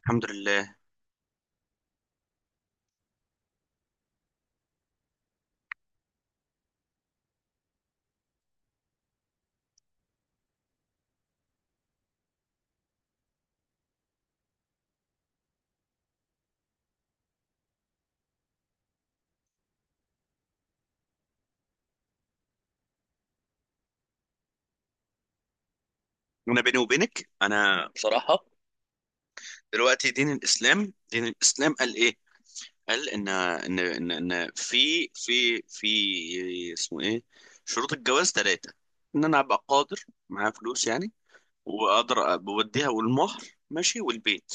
الحمد لله. انا بيني وبينك، انا بصراحه. دلوقتي دين الاسلام قال ايه؟ قال إن في اسمه ايه، شروط الجواز ثلاثه. ان انا ابقى قادر، معايا فلوس يعني، واقدر بوديها والمهر، ماشي، والبيت.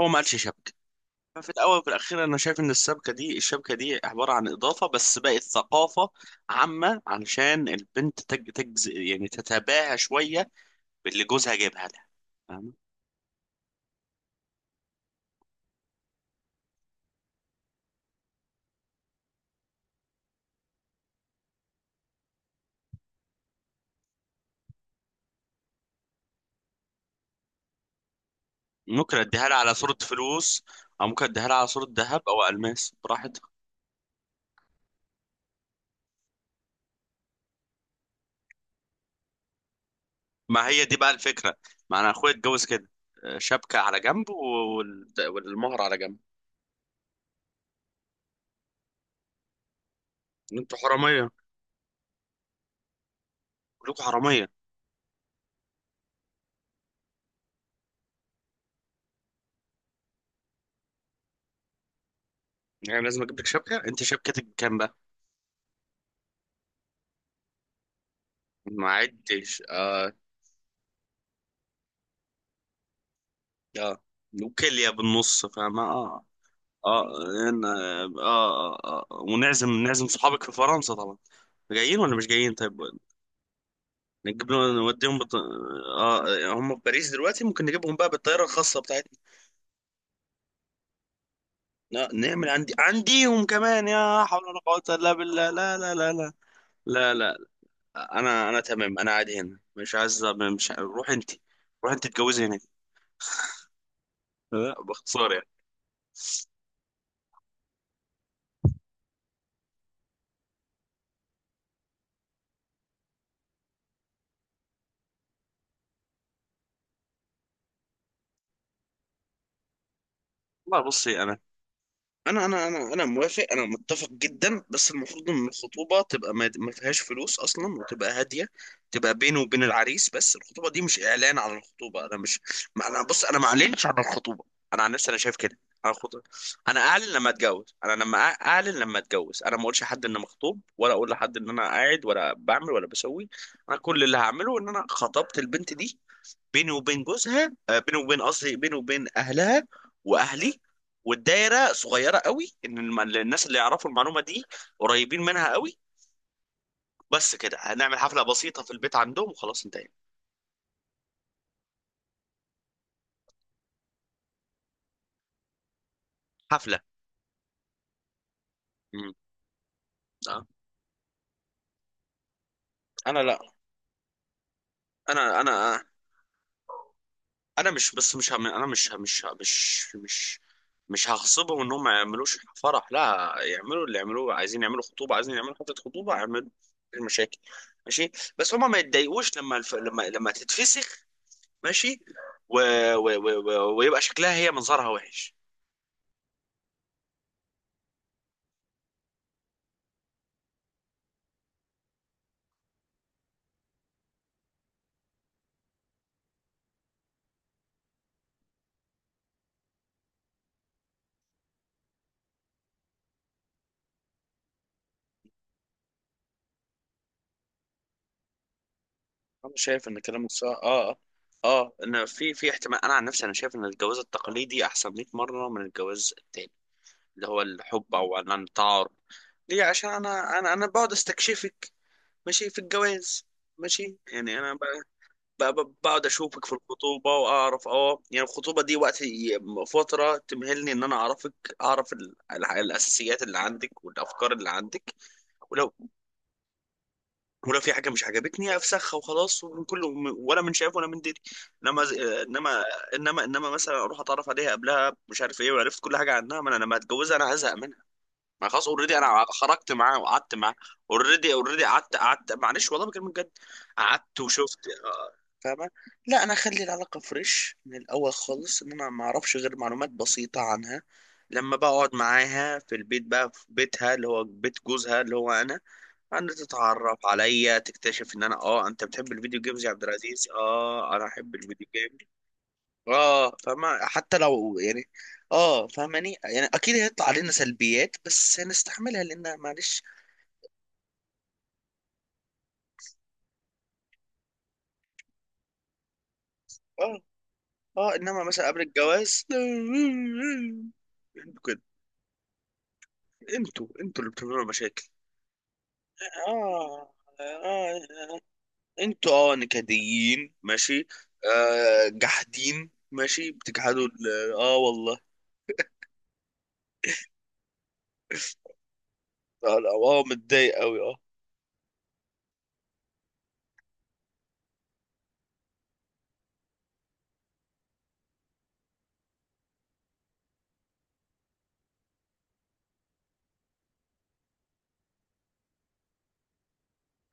هو ما قالش شبكه. ففي الاول وفي الاخير انا شايف ان السبكه دي الشبكه دي عباره عن اضافه، بس بقت ثقافه عامه، علشان البنت تجز، يعني تتباهى شويه باللي جوزها جايبها لها. فاهمة؟ ممكن اديها لها على صورة فلوس، او ممكن اديها لها على صورة ذهب او الماس براحتها. ما هي دي بقى الفكرة. ما انا اخويا اتجوز كده، آه، شبكة على جنب والمهر على جنب. انتوا حرامية، كلكم حرامية. يعني لازم اجيب لك شبكة، انت شبكتك كام بقى؟ ما عدتش. اه اه وكلية بالنص، فاهمة؟ اه. اه ونعزم، نعزم صحابك في فرنسا طبعا، جايين ولا مش جايين؟ طيب، نوديهم آه، هم في باريس دلوقتي، ممكن نجيبهم بقى بالطياره الخاصه بتاعتنا. لا، نعمل عندي عنديهم كمان، يا حول ولا قوه الا بالله، لا لا لا لا، لا لا. انا تمام، انا قاعد هنا مش عايز، مش ع- روح انت، روح انت اتجوزي هناك، لا باختصار يعني. والله بصي، انا موافق، انا متفق جدا، بس المفروض ان الخطوبه تبقى ما فيهاش فلوس اصلا، وتبقى هاديه، تبقى بينه وبين العريس بس، الخطوبه دي مش اعلان عن الخطوبه، انا مش، ما انا بص، انا ما اعلنش عن الخطوبه، انا عن نفسي انا شايف كده. انا خطوبة. انا اعلن لما اتجوز، انا لما اعلن لما اتجوز، انا ما اقولش لحد ان أنا مخطوب، ولا اقول لحد ان انا قاعد ولا بعمل ولا بسوي. انا كل اللي هعمله ان انا خطبت البنت دي، بيني وبين جوزها، آه، بيني وبين قصدي بيني وبين اهلها واهلي، والدايره صغيره قوي، ان الناس اللي يعرفوا المعلومه دي قريبين منها قوي، بس كده. هنعمل حفله بسيطه في البيت عندهم وخلاص انتهينا. حفله. مم. آه. انا لا، انا انا انا مش، بس مش هم... انا مش مش هغصبهم انهم ما يعملوش فرح، لا يعملوا اللي يعملوه، عايزين يعملوا خطوبه، عايزين يعملوا حفله خطوبه، اعملوا المشاكل ماشي، بس هما ما يتضايقوش لما لما تتفسخ، ماشي، و... ويبقى شكلها، هي منظرها وحش. انا شايف ان كلامك صح، اه اه. اه ان في احتمال، انا عن نفسي انا شايف ان الجواز التقليدي احسن 100 مره من الجواز التاني، اللي هو الحب، او ان أنا التعارف. ليه؟ عشان انا انا بقعد استكشفك، ماشي، في الجواز، ماشي يعني انا بقعد اشوفك في الخطوبه، واعرف اه يعني، الخطوبه دي وقت فتره تمهلني ان انا اعرفك، اعرف الاساسيات اللي عندك، والافكار اللي عندك، ولو ولو في حاجه مش عجبتني افسخها، وخلاص، ومن كله، ولا من شايف ولا من دري. انما ز- انما انما مثلا اروح اتعرف عليها قبلها، مش عارف ايه، وعرفت كل حاجه عنها، ما انا لما اتجوزها انا هزهق منها. ما خلاص، اوريدي انا خرجت معاه وقعدت معاه، اوريدي قعدت معلش والله بكلمك جد، قعدت وشفت. آه، فاهمه؟ لا، انا اخلي العلاقه فريش من الاول خالص، ان انا ما اعرفش غير معلومات بسيطه عنها، لما بقعد معاها في البيت بقى في بيتها، اللي هو بيت جوزها، اللي هو انا، ان تتعرف عليا، تكتشف ان انا، اه انت بتحب الفيديو جيمز يا عبد العزيز؟ اه انا احب الفيديو جيمز. اه فما حتى لو يعني، اه فاهماني يعني، اكيد هيطلع علينا سلبيات بس هنستحملها لان معلش. اه اه، انما مثلا قبل الجواز انتوا كده. انتوا اللي بتعملوا مشاكل، اه اه آه، انتوا اه نكديين ماشي، آه جحدين ماشي، بتجحدوا والله. اه لا، آه، متضايق قوي.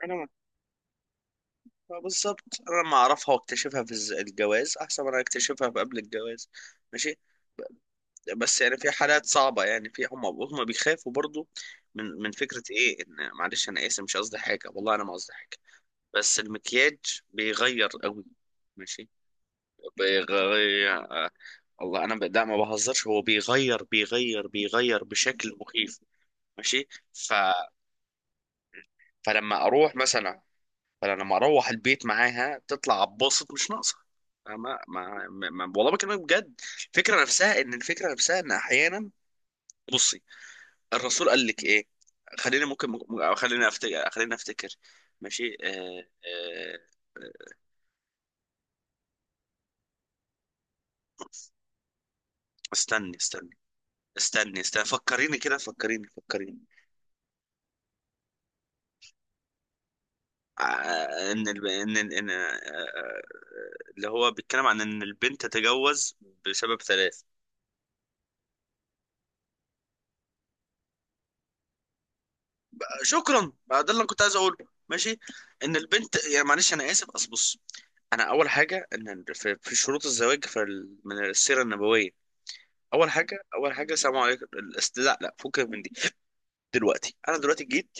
انا بالظبط. انا لما اعرفها واكتشفها في الجواز احسن ما انا اكتشفها في قبل الجواز، ماشي. بس يعني في حالات صعبه يعني، في هم بيخافوا برضو من فكره ايه ان، معلش انا اسف مش قصدي حاجه، والله انا ما قصدي حاجه. بس المكياج بيغير قوي، ماشي، بيغير آه، والله انا لا ما بهزرش، هو بيغير بشكل مخيف، ماشي. ف... فلما اروح مثلا، فانا لما اروح البيت معاها تطلع اتبسط مش ناقصه. ما ما والله بكلمك بجد، الفكره نفسها ان، الفكره نفسها ان احيانا، بصي، الرسول قال لك ايه، خليني خليني افتكر، خليني افتكر. ماشي، آه آه آه، استني استني فكريني كده، فكريني. آه، ان آه، آه، اللي هو بيتكلم عن ان البنت تتجوز بسبب ثلاث. شكرا بقى، ده اللي انا كنت عايز اقوله، ماشي. ان البنت يعني، معلش انا اسف اصل بص، انا اول حاجه ان في شروط الزواج، في من السيره النبويه، اول حاجه، اول حاجه، سلام عليكم لا لا فكك من دي. دلوقتي انا دلوقتي جيت،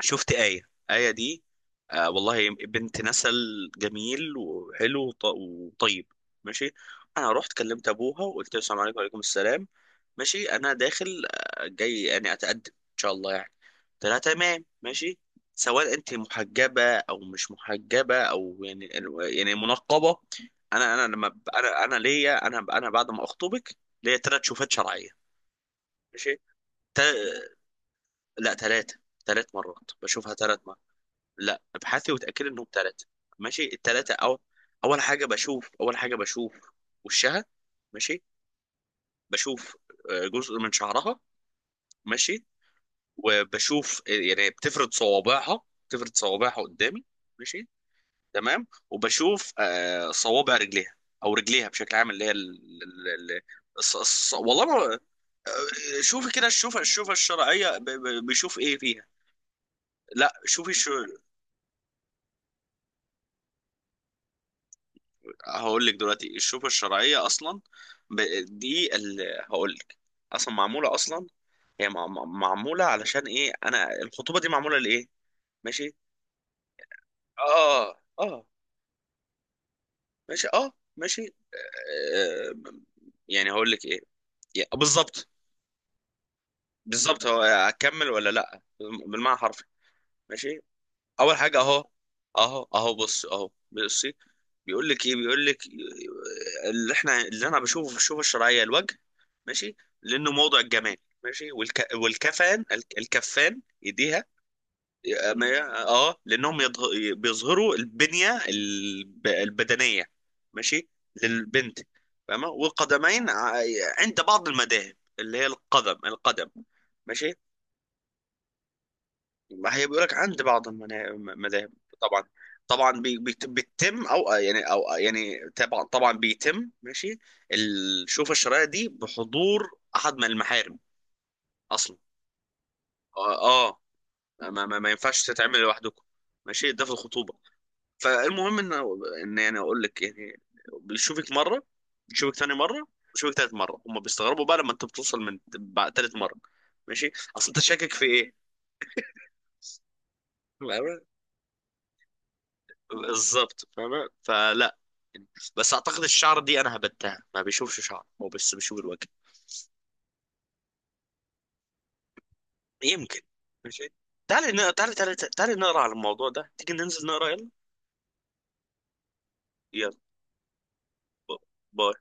شفت آية، آية دي آه والله بنت نسل جميل وحلو وطيب، ماشي، انا رحت كلمت ابوها وقلت له السلام عليكم، وعليكم السلام، ماشي، انا داخل آه، جاي يعني اتقدم ان شاء الله يعني، قلت لها تمام ماشي. سواء انت محجبه او مش محجبه او يعني، يعني منقبه، انا لما انا ليا، انا بعد ما اخطبك، ليا ثلاث شوفات شرعيه، ماشي، تا... لا ثلاثه، ثلاث مرات بشوفها ثلاث. لا ابحثي وتاكدي انهم ثلاثه، ماشي، الثلاثه او، اول حاجه بشوف وشها، ماشي، بشوف آه، جزء من شعرها، ماشي، وبشوف آه، يعني بتفرد صوابعها، بتفرد صوابعها قدامي، ماشي، تمام، وبشوف آه، صوابع رجليها او رجليها بشكل عام، اللي هي ال... ال... والله ما، آه، شوفي كده، الشوفة، الشوفة الشرعية بيشوف ايه فيها. لا شوفي هقول لك دلوقتي، الشوكة الشرعية أصلا ب- دي اللي، هقول لك، أصلا معمولة أصلا، هي معمولة، علشان إيه أنا الخطوبة دي معمولة لإيه، ماشي، آه آه، ماشي آه، ماشي آه، يعني هقول لك إيه، بالظبط، بالظبط هو هكمل ولا لأ، بالمعنى الحرفي، ماشي، اول حاجه اهو، اهو بص اهو بصي، بيقول لك ايه، بيقول لك اللي احنا، اللي انا بشوفه في الشوفه الشرعيه الوجه، ماشي، لانه موضع الجمال، ماشي، والكفان، الكفان، ايديها، اه آه، لانهم بيظهروا البنيه البدنيه، ماشي، للبنت، فاهمه، والقدمين عند بعض المذاهب اللي هي القدم، القدم، ماشي. ما هي بيقولك عند بعض المذاهب، طبعا، طبعا بيتم او يعني، او يعني طبعا طبعا بيتم، ماشي، الشوفة الشرعية دي بحضور احد من المحارم اصلا، اه آه، ما ما ينفعش تتعمل لوحدكم، ماشي، ده في الخطوبة، فالمهم ان ان يعني اقول لك يعني، بيشوفك مرة، بيشوفك ثاني مرة، بيشوفك ثالث مرة، هم بيستغربوا بقى لما انت بتوصل من بعد ثالث مرة، ماشي، اصل انت شاكك في ايه. بالظبط فاهمة، فلا، بس اعتقد الشعر دي انا هبتها، ما بيشوفش شعر، هو بس بيشوف الوجه، يمكن، ماشي، تعالي تعالي نقرا على الموضوع ده، تيجي ننزل نقرا يلا. يلا باي.